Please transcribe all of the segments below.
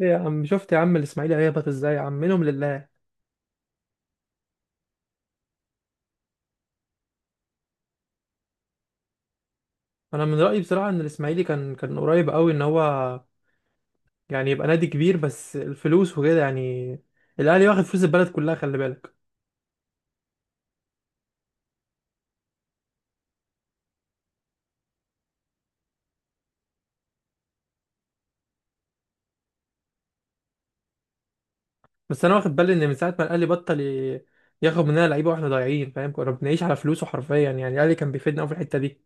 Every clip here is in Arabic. إيه يا عم، شفت يا عم الاسماعيلي هيهبط ازاي يا عم؟ منهم لله. انا من رايي بصراحه ان الاسماعيلي كان قريب قوي ان هو يعني يبقى نادي كبير، بس الفلوس وكده يعني. الاهلي واخد فلوس البلد كلها، خلي بالك. بس انا واخد بالي ان من ساعه ما الاهلي بطل ياخد مننا لعيبه، واحنا ضايعين، فاهم؟ كنا بنعيش على فلوسه حرفيا، يعني الاهلي كان بيفيدنا قوي في الحته دي.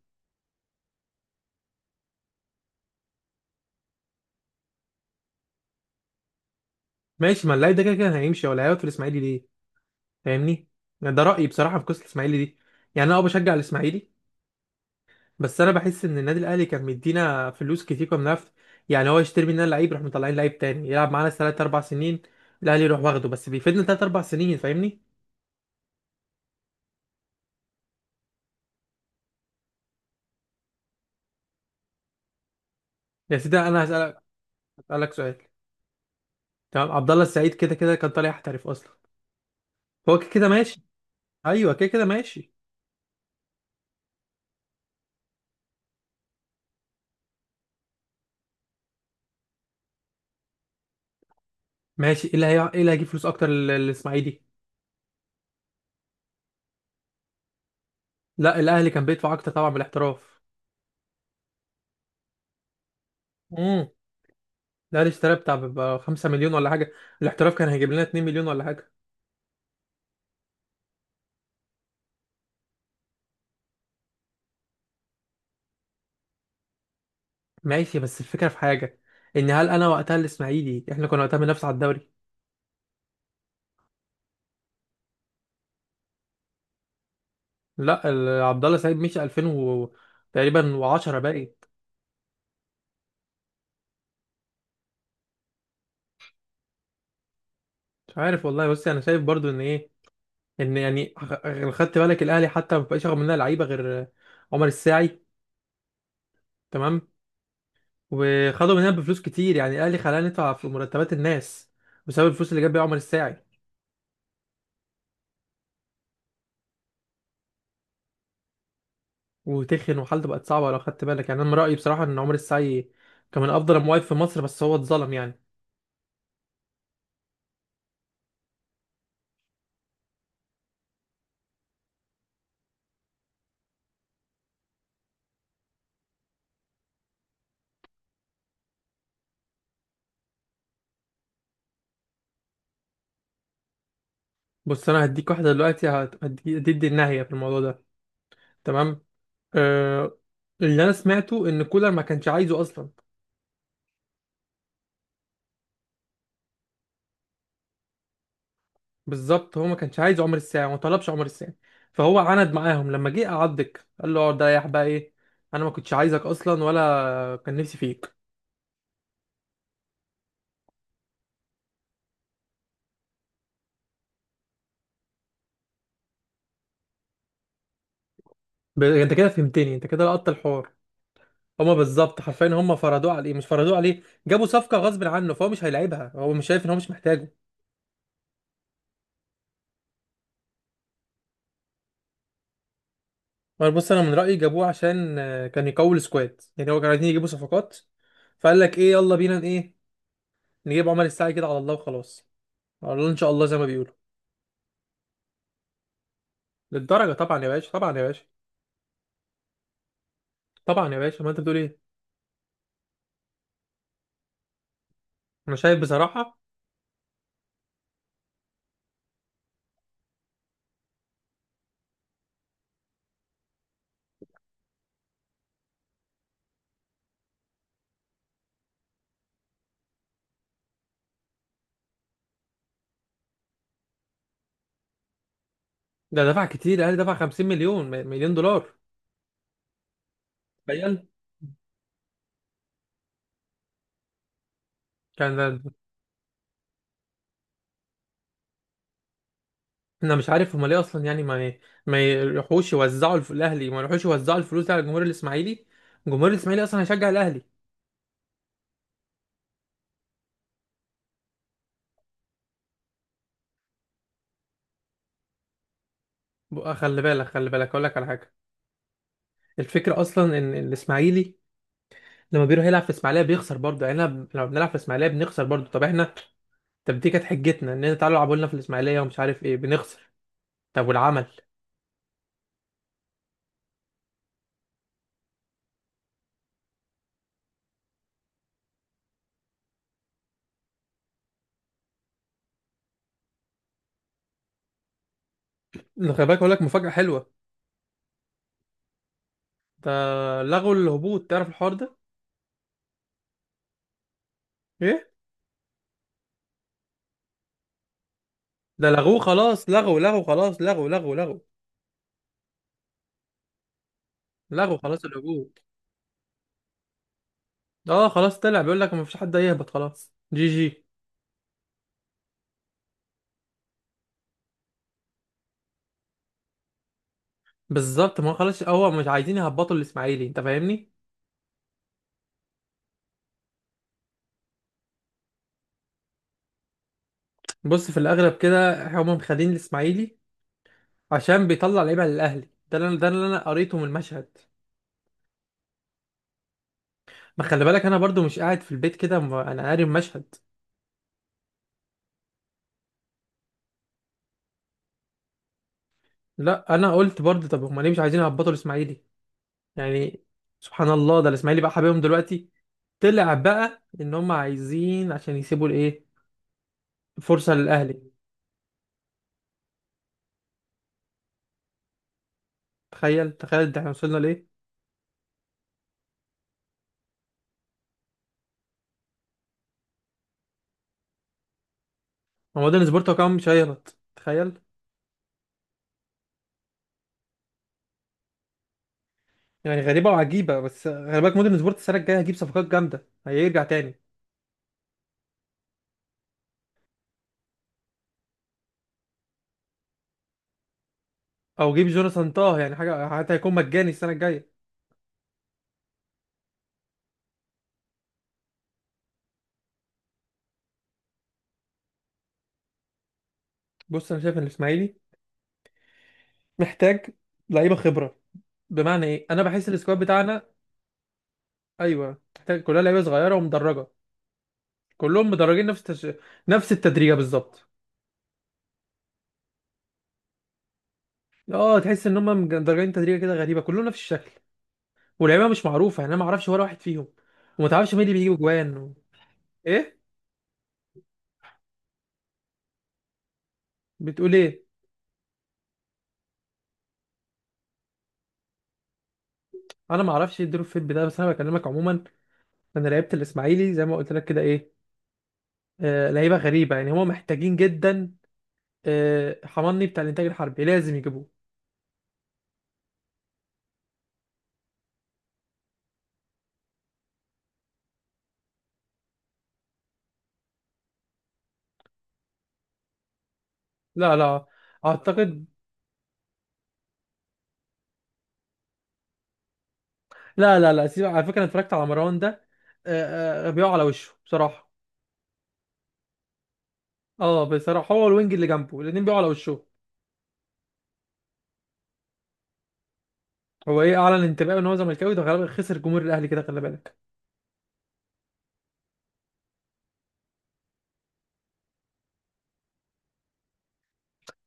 ماشي، ما اللعيب ده كده كان هيمشي، ولا هيقعد في الاسماعيلي ليه؟ فاهمني؟ يعني ده رايي بصراحه في قصه الاسماعيلي دي. يعني انا اه بشجع الاسماعيلي، بس انا بحس ان النادي الاهلي كان مدينا فلوس كتير، كنا بنعرف يعني. هو يشتري مننا لعيب يروح، مطلعين لعيب تاني يلعب معانا ثلاث اربع سنين، الاهلي يروح واخده، بس بيفيدنا ثلاث اربع سنين، فاهمني؟ يا سيدي، انا هسالك، هسالك سؤال. تمام، عبد الله السعيد كده كده كان طالع يحترف اصلا، هو كده كده ماشي. ايوه، كده كده ماشي. ماشي، ايه اللي هيجيب فلوس اكتر للاسماعيلي؟ لا، الاهلي كان بيدفع اكتر طبعا بالاحتراف. امم الاهلي اشترى بتاع ب 5 مليون ولا حاجه، الاحتراف كان هيجيب لنا 2 مليون ولا حاجه. ماشي، بس الفكرة في حاجة، ان هل انا وقتها الاسماعيلي احنا كنا وقتها بننافس على الدوري؟ لا، عبد الله سعيد مشي 2000 و... تقريبا، و10 باقي. مش عارف والله، بس انا شايف برضو ان ايه، ان يعني خدت بالك الاهلي حتى ما بقاش ياخد مننا لعيبة غير عمر الساعي، تمام؟ وخدوا مننا بفلوس كتير، يعني الاهلي خلانا ندفع في مرتبات الناس بسبب الفلوس اللي جاب بيها عمر الساعي. وتخن وحالته بقت صعبة، لو خدت بالك، يعني انا من رأيي بصراحة ان عمر الساعي كان من افضل المواقف في مصر، بس هو اتظلم يعني. بص، انا هديك واحده دلوقتي هتدي النهايه في الموضوع ده، تمام؟ آه، اللي انا سمعته ان كولر ما كانش عايزه اصلا. بالظبط، هو ما كانش عايز عمر الساعه، ما طلبش عمر الساعه. فهو عند معاهم، لما جه قعدك قال له اقعد ريح بقى، ايه؟ انا ما كنتش عايزك اصلا ولا كان نفسي فيك. انت كده فهمتني، انت كده لقطت الحوار. هما بالظبط، حرفيا هما فرضوه عليه، مش فرضوه عليه، جابوا صفقه غصب عنه، فهو مش هيلعبها، هو مش شايف ان هو مش محتاجه. ما بص، انا من رايي جابوه عشان كان يقوي السكواد، يعني هو كانوا عايزين يجيبوا صفقات. فقال لك ايه، يلا بينا ايه، نجيب عمر الساعي كده على الله وخلاص. على الله ان شاء الله زي ما بيقولوا. للدرجه؟ طبعا يا باشا، طبعا يا باشا، طبعا يا باشا، ما انت بتقول ايه؟ انا شايف بصراحه ده دفع كتير، قال دفع 50 مليون مليون دولار. تخيل كان، انا مش عارف هم ليه اصلا، يعني ما الاهلي ما يروحوش يوزعوا الفلوس دي على الجمهور الاسماعيلي، الجمهور الاسماعيلي اصلا هيشجع الاهلي. بقى خلي بالك، خلي بالك اقول لك على حاجه. الفكره اصلا ان الاسماعيلي لما بيروح يلعب في اسماعيليه بيخسر برضه، يعني لما بنلعب في اسماعيليه بنخسر برضه. طب احنا، طب دي كانت حجتنا ان انت تعالوا العبوا لنا في الاسماعيليه ومش عارف ايه، بنخسر. طب والعمل؟ ده خلي بالك اقول لك مفاجاه حلوه. ده لغوا الهبوط، تعرف الحوار ده؟ ايه؟ ده لغوه خلاص، لغوا، لغوا خلاص، لغوا، لغوا، لغوا. لغوا خلاص الهبوط. اه، خلاص طلع، بيقول لك مفيش حد هيهبط خلاص، جي جي. بالظبط، ما هو خلاص، هو مش عايزين يهبطوا الاسماعيلي، انت فاهمني. بص، في الاغلب كده هم مخلين الاسماعيلي عشان بيطلع لعيبه للاهلي، ده اللي ده اللي انا قريته من المشهد. ما خلي بالك، انا برضو مش قاعد في البيت كده، انا قاري المشهد. لا، انا قلت برضو، طب هم ليه مش عايزين يهبطوا الاسماعيلي يعني؟ سبحان الله، ده الاسماعيلي بقى حبيبهم دلوقتي. طلع بقى ان هم عايزين عشان يسيبوا الايه، فرصه للاهلي. تخيل، تخيل، ده احنا وصلنا لايه. هو مودرن سبورت هو كمان مش هيهبط، تخيل. يعني غريبه وعجيبه، بس خلي بالك، مودرن سبورت السنه الجايه هيجيب صفقات جامده، هيرجع تاني. او جيب جوناثان طه يعني حاجه، حتى هيكون مجاني السنه الجايه. بص، انا شايف ان الاسماعيلي محتاج لعيبه خبره. بمعنى ايه؟ انا بحس السكواد بتاعنا، ايوه، محتاج كلها لعيبه صغيره ومدرجه. كلهم مدرجين نفس التدريجه بالظبط. اه، تحس ان هم مدرجين تدريجه كده غريبه، كلهم نفس الشكل. واللعيبه مش معروفه، يعني انا ما اعرفش ولا واحد فيهم، وما تعرفش مين اللي بيجيب جوان و... ايه، بتقول ايه؟ انا ما اعرفش ايه الدروب فيت ده، بس انا بكلمك عموما. انا لعيبه الاسماعيلي زي ما قلت لك كده ايه، آه، لعيبه غريبه. يعني هم محتاجين جدا، آه، حماني بتاع الانتاج الحربي لازم يجيبوه. لا، لا، اعتقد لا، لا، لا، سيبك. على فكره انا اتفرجت على مروان ده، آه، بيقع على وشه بصراحه. اه بصراحه، هو الوينج اللي جنبه الاثنين بيقعوا على وشه. هو ايه، اعلن انتباهه ان هو زملكاوي، ده غالبا خسر جمهور الاهلي كده، خلي بالك.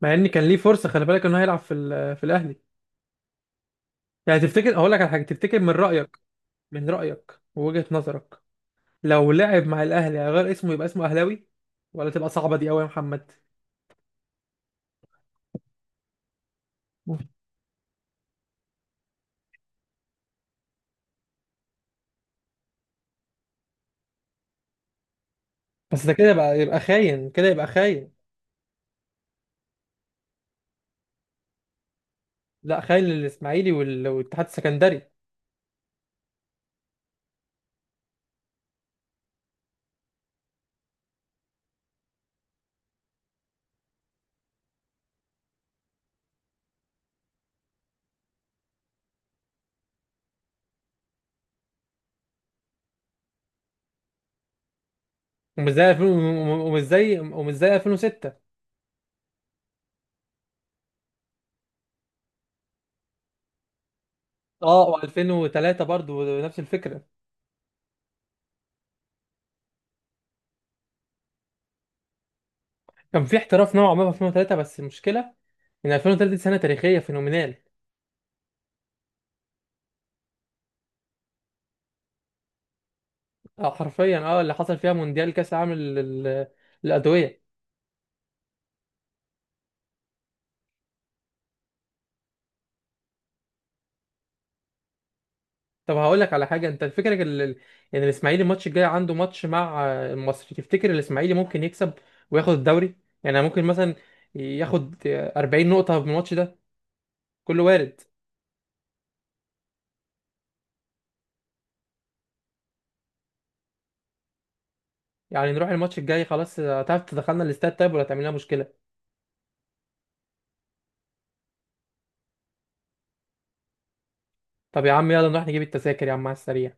مع ان كان ليه فرصه، خلي بالك، انه هيلعب في الاهلي. يعني تفتكر، هقول لك على حاجه، تفتكر من رايك، من رايك ووجهه نظرك، لو لعب مع الاهلي هيغير اسمه يبقى اسمه اهلاوي؟ ولا تبقى صعبه دي قوي يا محمد؟ بس ده كده يبقى خاين، كده يبقى خاين. لا، خاين للاسماعيلي والاتحاد السكندري. ومش زي 2000 ومش زي 2006. اه، و2003 برضو نفس الفكره. كان في احتراف نوعا ما في 2003، بس المشكله ان 2003 دي سنه تاريخيه فينومينال. اه حرفيا، اه، اللي حصل فيها مونديال كاس العالم لل- للادويه. طب هقول لك على حاجه، انت فكرك ان الاسماعيلي الماتش الجاي عنده ماتش مع، آه، المصري، تفتكر الاسماعيلي ممكن يكسب وياخد الدوري؟ يعني ممكن مثلا ياخد، آه، 40 نقطه من الماتش ده، كله وارد. يعني نروح الماتش الجاي، خلاص، آه، هتعرف تدخلنا الاستاد طيب، ولا تعمل لنا مشكله؟ طب يا عم يلا نروح نجيب التذاكر يا عم على السريع.